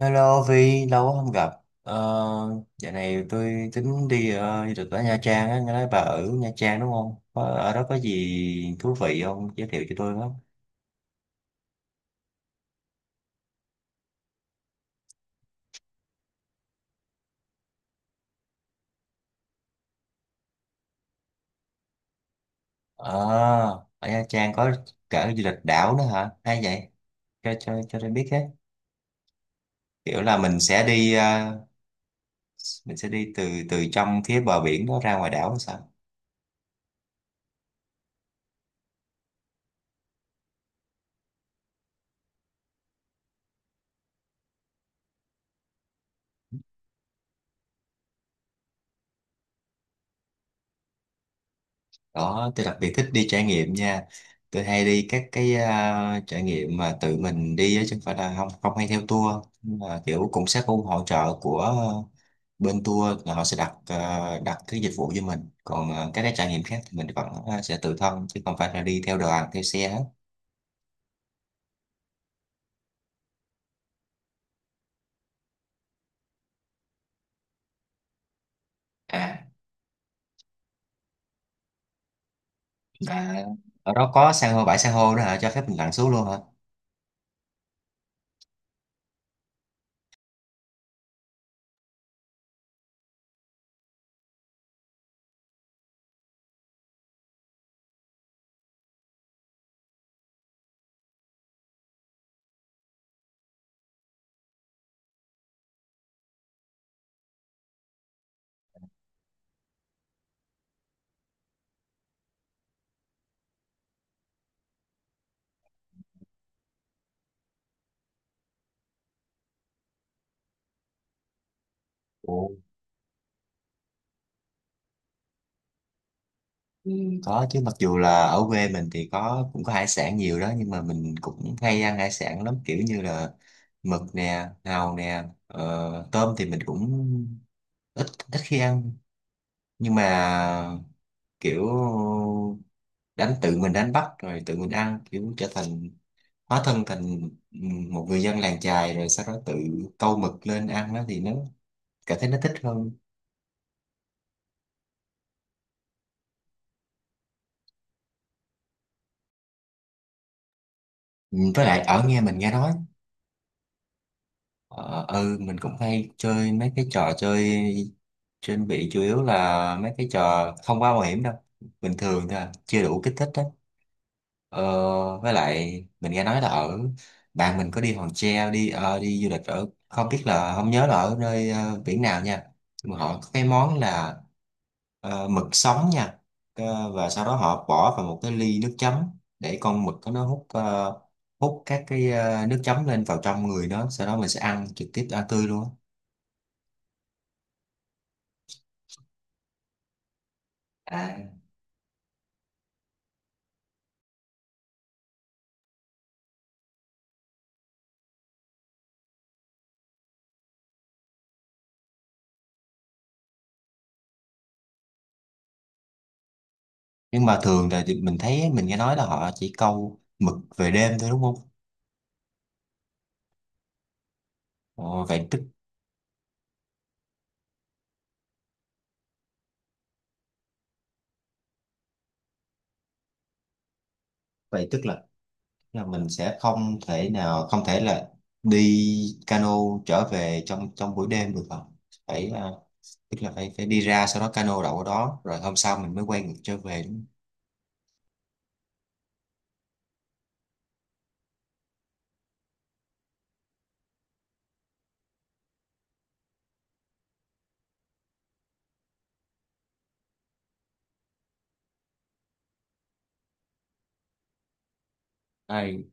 Hello Vi, lâu quá không gặp. Ờ, dạo này tôi tính đi du lịch ở Nha Trang á, nghe nói bà ở Nha Trang đúng không? Có, ở đó có gì thú vị không? Giới thiệu cho tôi với. Ờ, ở Nha Trang có cả du lịch đảo nữa hả? Hay vậy? Cho tôi biết hết. Kiểu là mình sẽ đi mình sẽ đi từ từ trong phía bờ biển đó ra ngoài đảo hay sao? Đó tôi đặc biệt thích đi trải nghiệm nha, tôi hay đi các cái trải nghiệm mà tự mình đi á, chứ không phải là không không hay theo tour. Nhưng mà kiểu cũng sẽ có hỗ trợ của bên tour là họ sẽ đặt đặt cái dịch vụ cho mình, còn các cái trải nghiệm khác thì mình vẫn sẽ tự thân chứ không phải là đi theo đoàn theo xe hết. À, à ở đó có san hô, bãi san hô đó hả, cho phép mình lặn xuống luôn hả? Ồ, có chứ, mặc dù là ở quê mình thì có cũng có hải sản nhiều đó, nhưng mà mình cũng hay ăn hải sản lắm, kiểu như là mực nè, hàu nè, tôm thì mình cũng ít ít khi ăn. Nhưng mà kiểu đánh, tự mình đánh bắt rồi tự mình ăn, kiểu trở thành, hóa thân thành một người dân làng chài rồi sau đó tự câu mực lên ăn đó thì nó cảm thấy nó thích hơn. Ừ, với lại ở nghe mình nghe nói. Ờ, ừ, mình cũng hay chơi mấy cái trò chơi trên bị chủ yếu là mấy cái trò không quá mạo hiểm đâu, bình thường thôi à, chưa đủ kích thích đó. ờ, với lại mình nghe nói là ở, bạn mình có đi Hòn Tre, đi đi du lịch ở không biết là, không nhớ là ở nơi biển nào nha, nhưng mà họ có cái món là mực sống nha. Ờ, và sau đó họ bỏ vào một cái ly nước chấm để con mực đó nó hút hút các cái nước chấm lên vào trong người nó, sau đó mình sẽ ăn trực tiếp, ăn tươi luôn á. À, nhưng mà thường là thì mình thấy, mình nghe nói là họ chỉ câu mực về đêm thôi đúng không? Ờ, vậy tức vậy tức là là mình sẽ không thể đi cano trở về trong trong buổi đêm được không? Phải tức là phải phải đi ra sau đó cano đậu ở đó rồi hôm sau mình mới quay ngược trở về đúng không? Ai,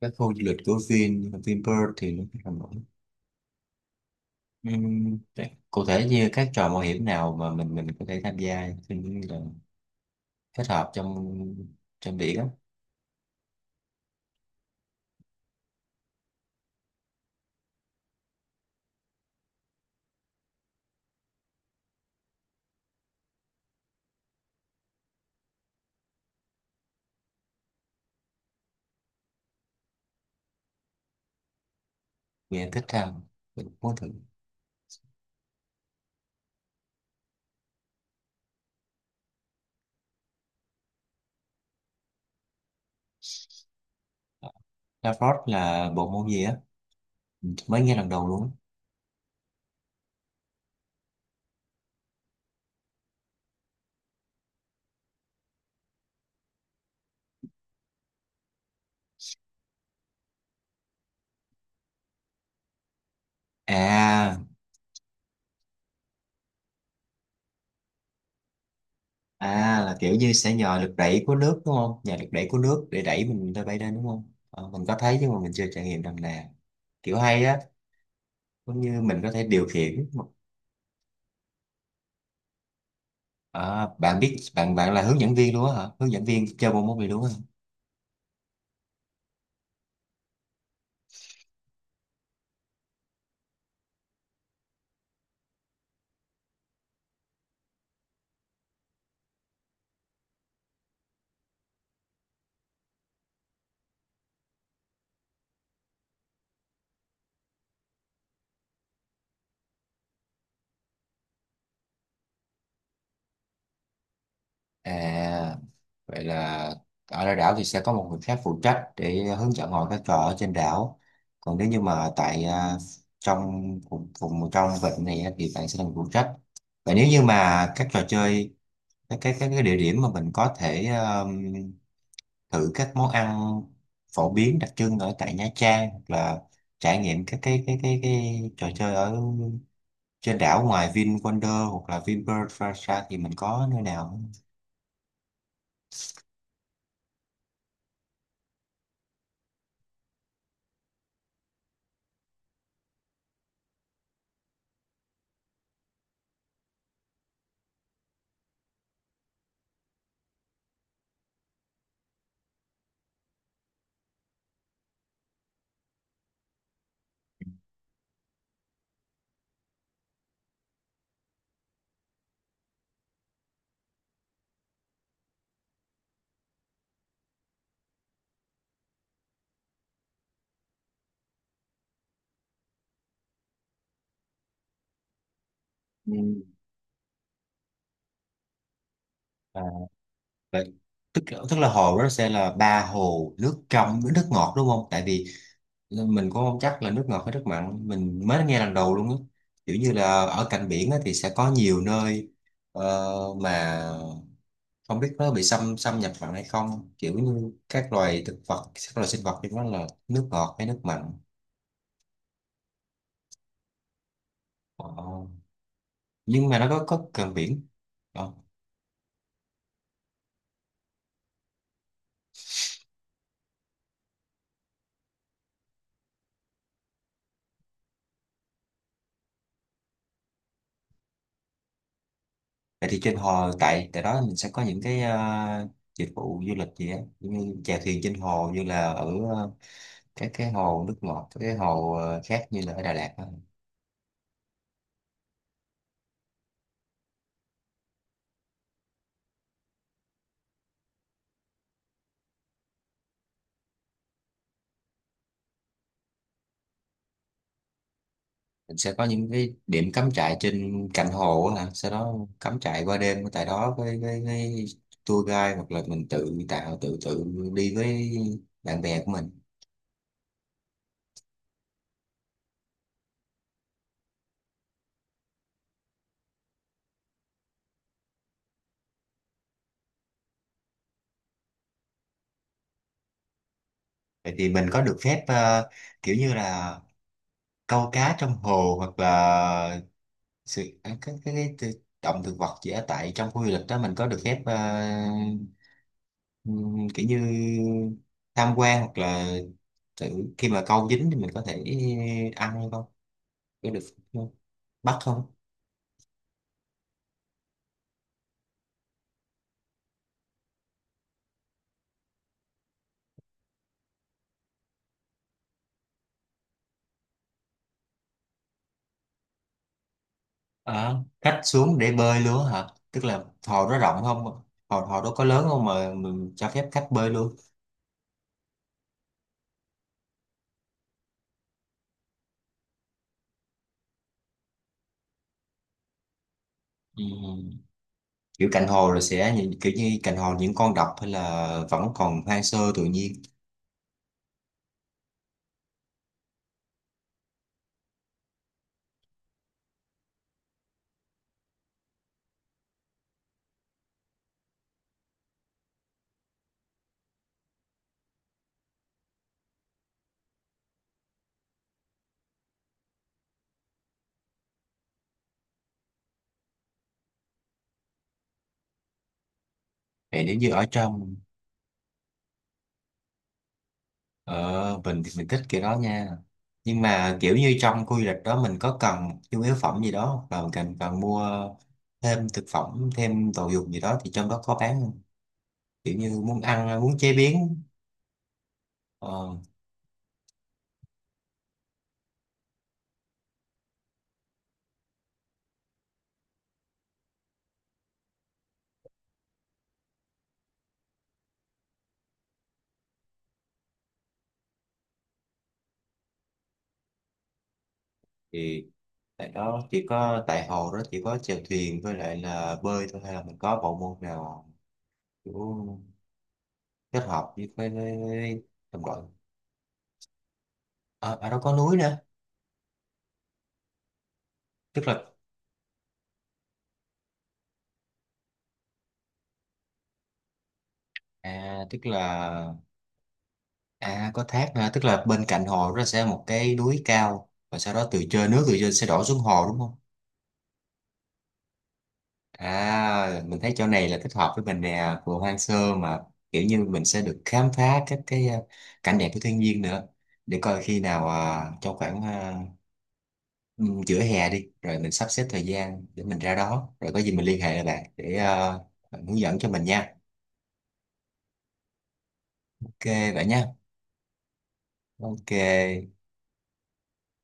các khu du lịch của Vinpearl thì nó, thế cụ thể như các trò mạo hiểm nào mà mình có thể tham gia? Tôi nghĩ là kết hợp trong trong biển á. Mình thích tham, mình muốn thử. La là bộ môn gì á, mới nghe lần đầu luôn á. à à, là kiểu như sẽ nhờ lực đẩy của nước đúng không, nhờ lực đẩy của nước để đẩy mình ra bay lên đúng không? Ờ, mình có thấy nhưng mà mình chưa trải nghiệm lần nào. Kiểu hay á, cũng như mình có thể điều khiển một- Ờ, bạn biết, bạn bạn là hướng dẫn viên luôn á hả, hướng dẫn viên chơi bộ môn này luôn á hả? À vậy là ở lại đảo thì sẽ có một người khác phụ trách để hướng dẫn họ các trò ở trên đảo, còn nếu như mà tại trong vùng vùng trong vịnh này á, thì bạn sẽ là người phụ trách. Và nếu như mà các trò chơi, các cái địa điểm mà mình có thể thử các món ăn phổ biến đặc trưng ở tại Nha Trang, hoặc là trải nghiệm các cái trò chơi ở trên đảo ngoài VinWonder hoặc là VinPearl Plaza thì mình có nơi nào không? Ừ. À, vậy, tức tức là hồ đó sẽ là ba hồ nước trong với nước ngọt đúng không? Tại vì mình cũng không chắc là nước ngọt hay nước mặn, mình mới nghe lần đầu luôn á. Kiểu như là ở cạnh biển á, thì sẽ có nhiều nơi ờ, mà không biết nó bị xâm xâm nhập mặn hay không. Kiểu như các loài thực vật, các loài sinh vật thì nó là nước ngọt hay nước mặn. Ờ, nhưng mà nó có gần biển. Ờ. Vậy thì trên hồ tại tại đó mình sẽ có những cái dịch vụ du lịch gì á, giống như chèo thuyền trên hồ như là ở các cái hồ nước ngọt, các cái hồ khác như là ở Đà Lạt á. Mình sẽ có những cái điểm cắm trại trên cạnh hồ á, hả? Sau đó cắm trại qua đêm tại đó với tour guide hoặc là mình tự tạo tự tự đi với bạn bè của mình. Vậy thì mình có được phép kiểu như là câu cá trong hồ hoặc là sự động thực vật chỉ ở tại trong khu du lịch đó, mình có được phép kiểu như tham quan hoặc là tự, khi mà câu dính thì mình có thể ăn hay không, có được không, bắt không? À, cách xuống để bơi luôn hả, tức là hồ đó rộng không, hồ hồ đó có lớn không mà mình cho phép khách bơi luôn? Ừm. Kiểu cạnh hồ rồi sẽ nhìn- kiểu như cạnh hồ những con đập hay là vẫn còn hoang sơ tự nhiên? Vậy nếu như ở trong, ờ, mình thì mình thích kiểu đó nha. Nhưng mà kiểu như trong khu du lịch đó mình có cần một nhu yếu phẩm gì đó không? Và mình cần cần mua thêm thực phẩm, thêm đồ dùng gì đó thì trong đó có bán không? Kiểu như muốn ăn, muốn chế biến. Ờ, thì tại đó, chỉ có tại hồ đó chỉ có chèo thuyền với lại là bơi thôi hay là mình có bộ môn nào kiểu kết hợp với đồng đội? Ờ, ở đó có núi nữa. Tức là tức là, À có thác hả? Tức là bên cạnh hồ nó sẽ một cái núi cao và sau đó từ trên, nước từ trên sẽ đổ xuống hồ đúng không? À mình thấy chỗ này là thích hợp với mình nè, vừa hoang sơ mà kiểu như mình sẽ được khám phá các cái cảnh đẹp của thiên nhiên nữa. Để coi khi nào trong khoảng giữa hè đi rồi mình sắp xếp thời gian để mình ra đó, rồi có gì mình liên hệ lại bạn để bạn hướng dẫn cho mình nha. Ok vậy nha. Ok.